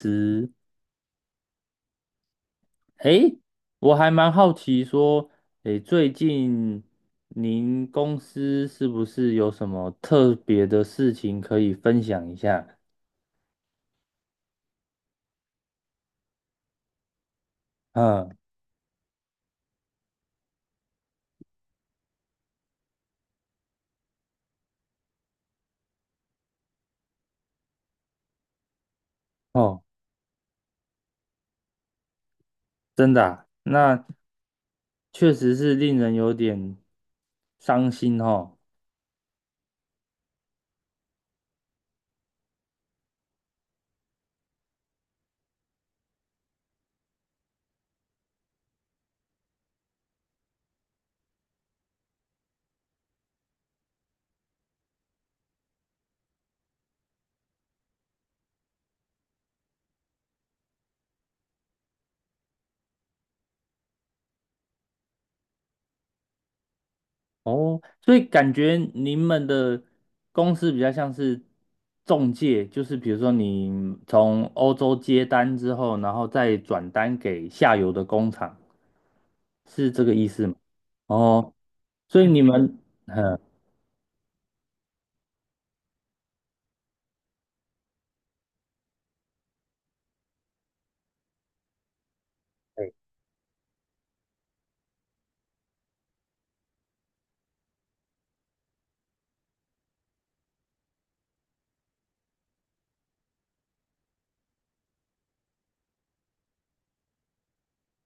是，诶，我还蛮好奇说，诶，最近您公司是不是有什么特别的事情可以分享一下？嗯，哦，真的啊，那确实是令人有点伤心哦。哦，所以感觉你们的公司比较像是中介，就是比如说你从欧洲接单之后，然后再转单给下游的工厂，是这个意思吗？哦，所以你们，嗯，对。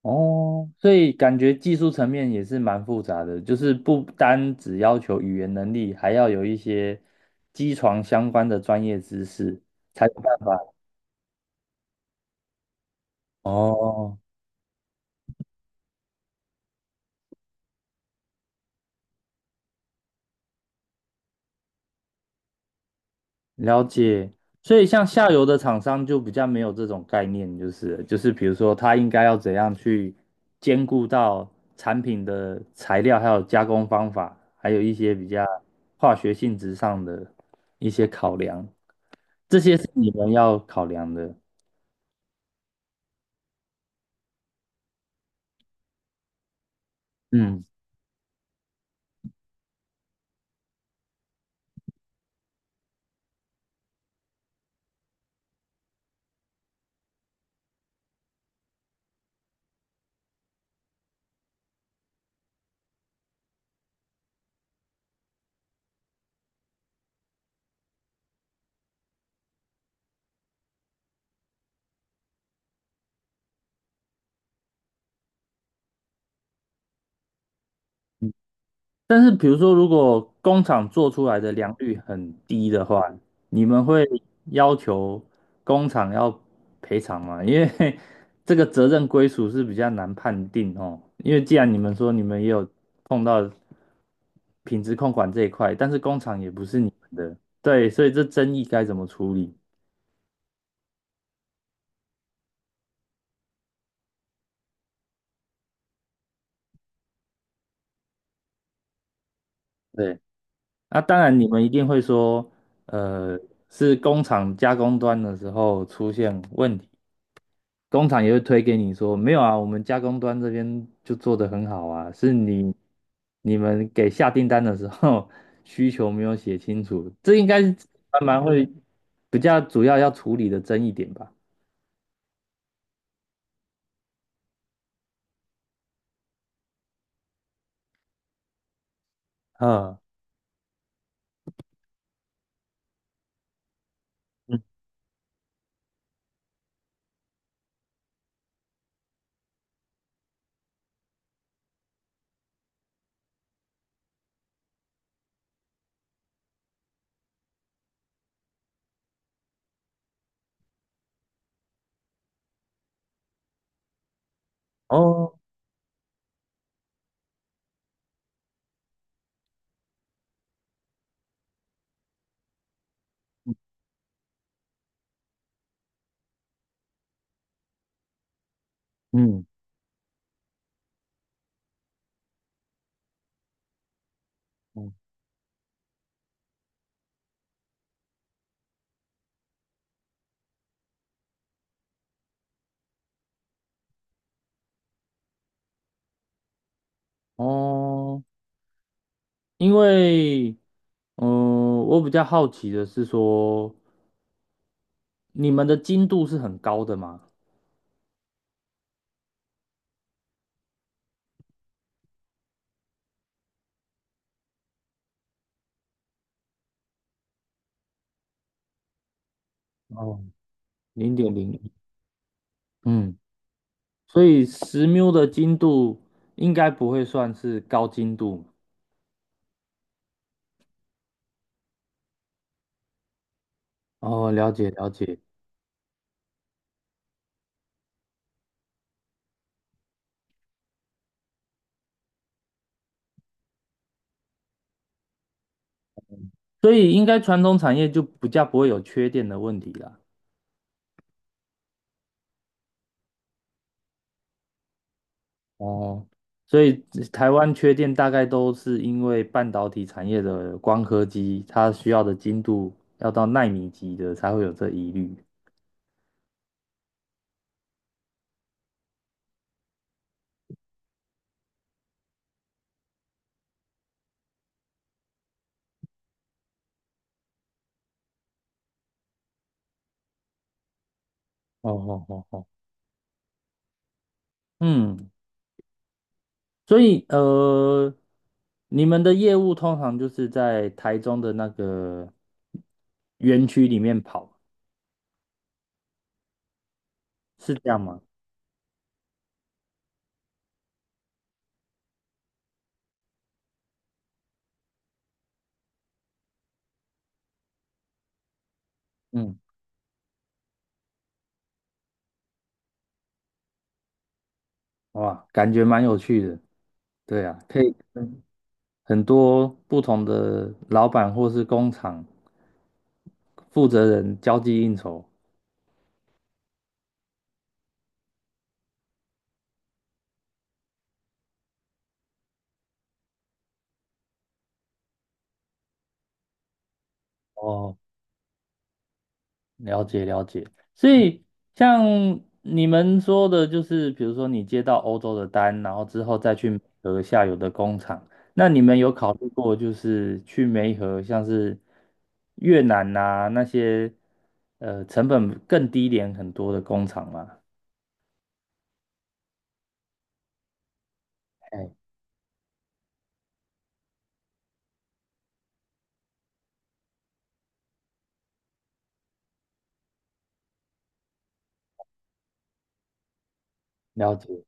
哦，所以感觉技术层面也是蛮复杂的，就是不单只要求语言能力，还要有一些机床相关的专业知识，才有办法。哦，了解，所以像下游的厂商就比较没有这种概念，就是比如说他应该要怎样去兼顾到产品的材料，还有加工方法，还有一些比较化学性质上的一些考量，这些是你们要考量的。嗯。但是比如说，如果工厂做出来的良率很低的话，你们会要求工厂要赔偿吗？因为 这个责任归属是比较难判定哦。因为既然你们说你们也有碰到品质控管这一块，但是工厂也不是你们的，对，所以这争议该怎么处理？对，那当然你们一定会说，呃，是工厂加工端的时候出现问题。工厂也会推给你说，没有啊，我们加工端这边就做得很好啊，是你你们给下订单的时候 需求没有写清楚，这应该是蛮会比较主要要处理的争议点吧。嗯，嗯，哦，嗯嗯，嗯。哦，因为嗯、呃我比较好奇的是说，你们的精度是很高的嘛？哦，零点零一，所以十缪的精度应该不会算是高精度。哦，了解了解，所以应该传统产业就比较不会有缺电的问题啦。哦，所以台湾缺电大概都是因为半导体产业的光刻机，它需要的精度要到纳米级的才会有这疑虑。哦哦哦哦，嗯，所以你们的业务通常就是在台中的那个园区里面跑。是这样吗？嗯，哇，感觉蛮有趣的。对啊，可以跟很多不同的老板或是工厂负责人交际应酬。哦，了解了解。所以像你们说的，就是比如说你接到欧洲的单，然后之后再去美和下游的工厂，那你们有考虑过就是去梅河，像是越南呐、啊那些成本更低廉很多的工厂吗？哎，了解。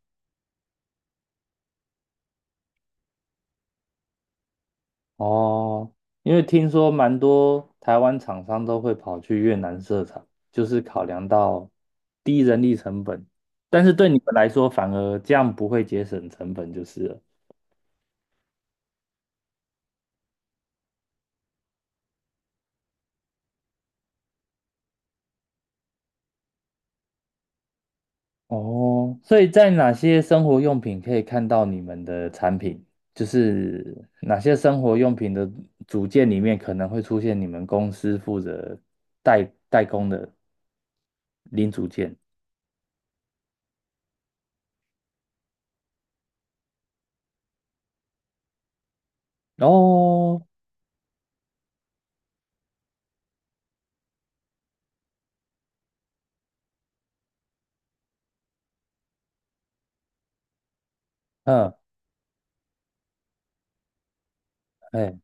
哦，因为听说蛮多台湾厂商都会跑去越南设厂，就是考量到低人力成本，但是对你们来说反而这样不会节省成本就是了。哦，所以在哪些生活用品可以看到你们的产品？就是哪些生活用品的组件里面可能会出现你们公司负责代工的零组件？哦，嗯，哎，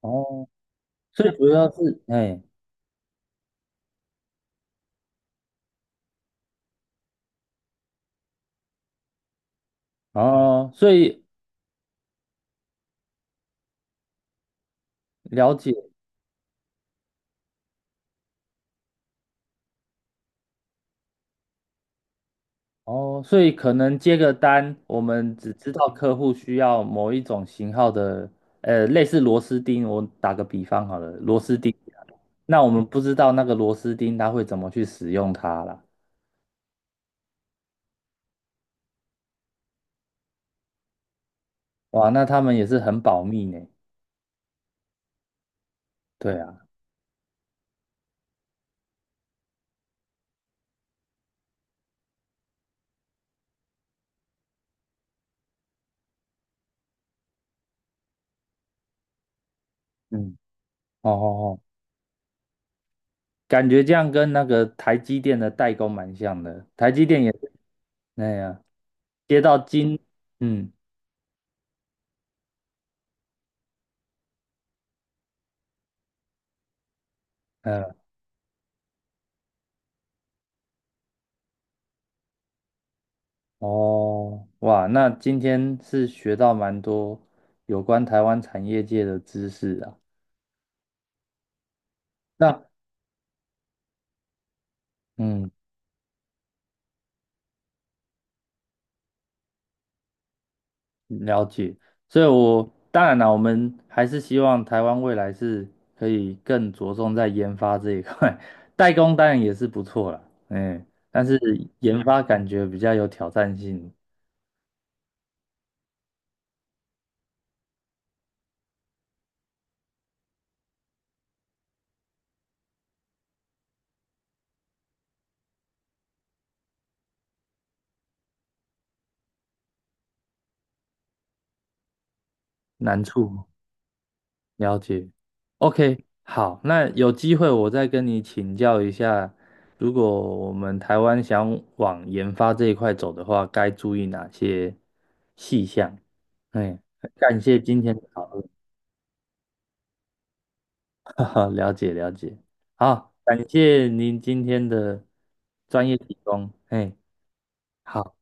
哦。所以主要是，哎，哦，所以了解，哦，所以可能接个单，我们只知道客户需要某一种型号的，呃，类似螺丝钉，我打个比方好了，螺丝钉，那我们不知道那个螺丝钉它会怎么去使用它啦，哇，那他们也是很保密呢，对啊，嗯，哦哦哦，感觉这样跟那个台积电的代工蛮像的，台积电也是那样，接到金，嗯。嗯。哦，哇，那今天是学到蛮多有关台湾产业界的知识啊。那嗯，了解。所以我当然啦，我们还是希望台湾未来是可以更着重在研发这一块，代工当然也是不错啦，嗯，但是研发感觉比较有挑战性难处。了解，OK，好，那有机会我再跟你请教一下，如果我们台湾想往研发这一块走的话，该注意哪些细项？哎，感谢今天的讨论，哈哈，了解了解，好，感谢您今天的专业提供，哎，好。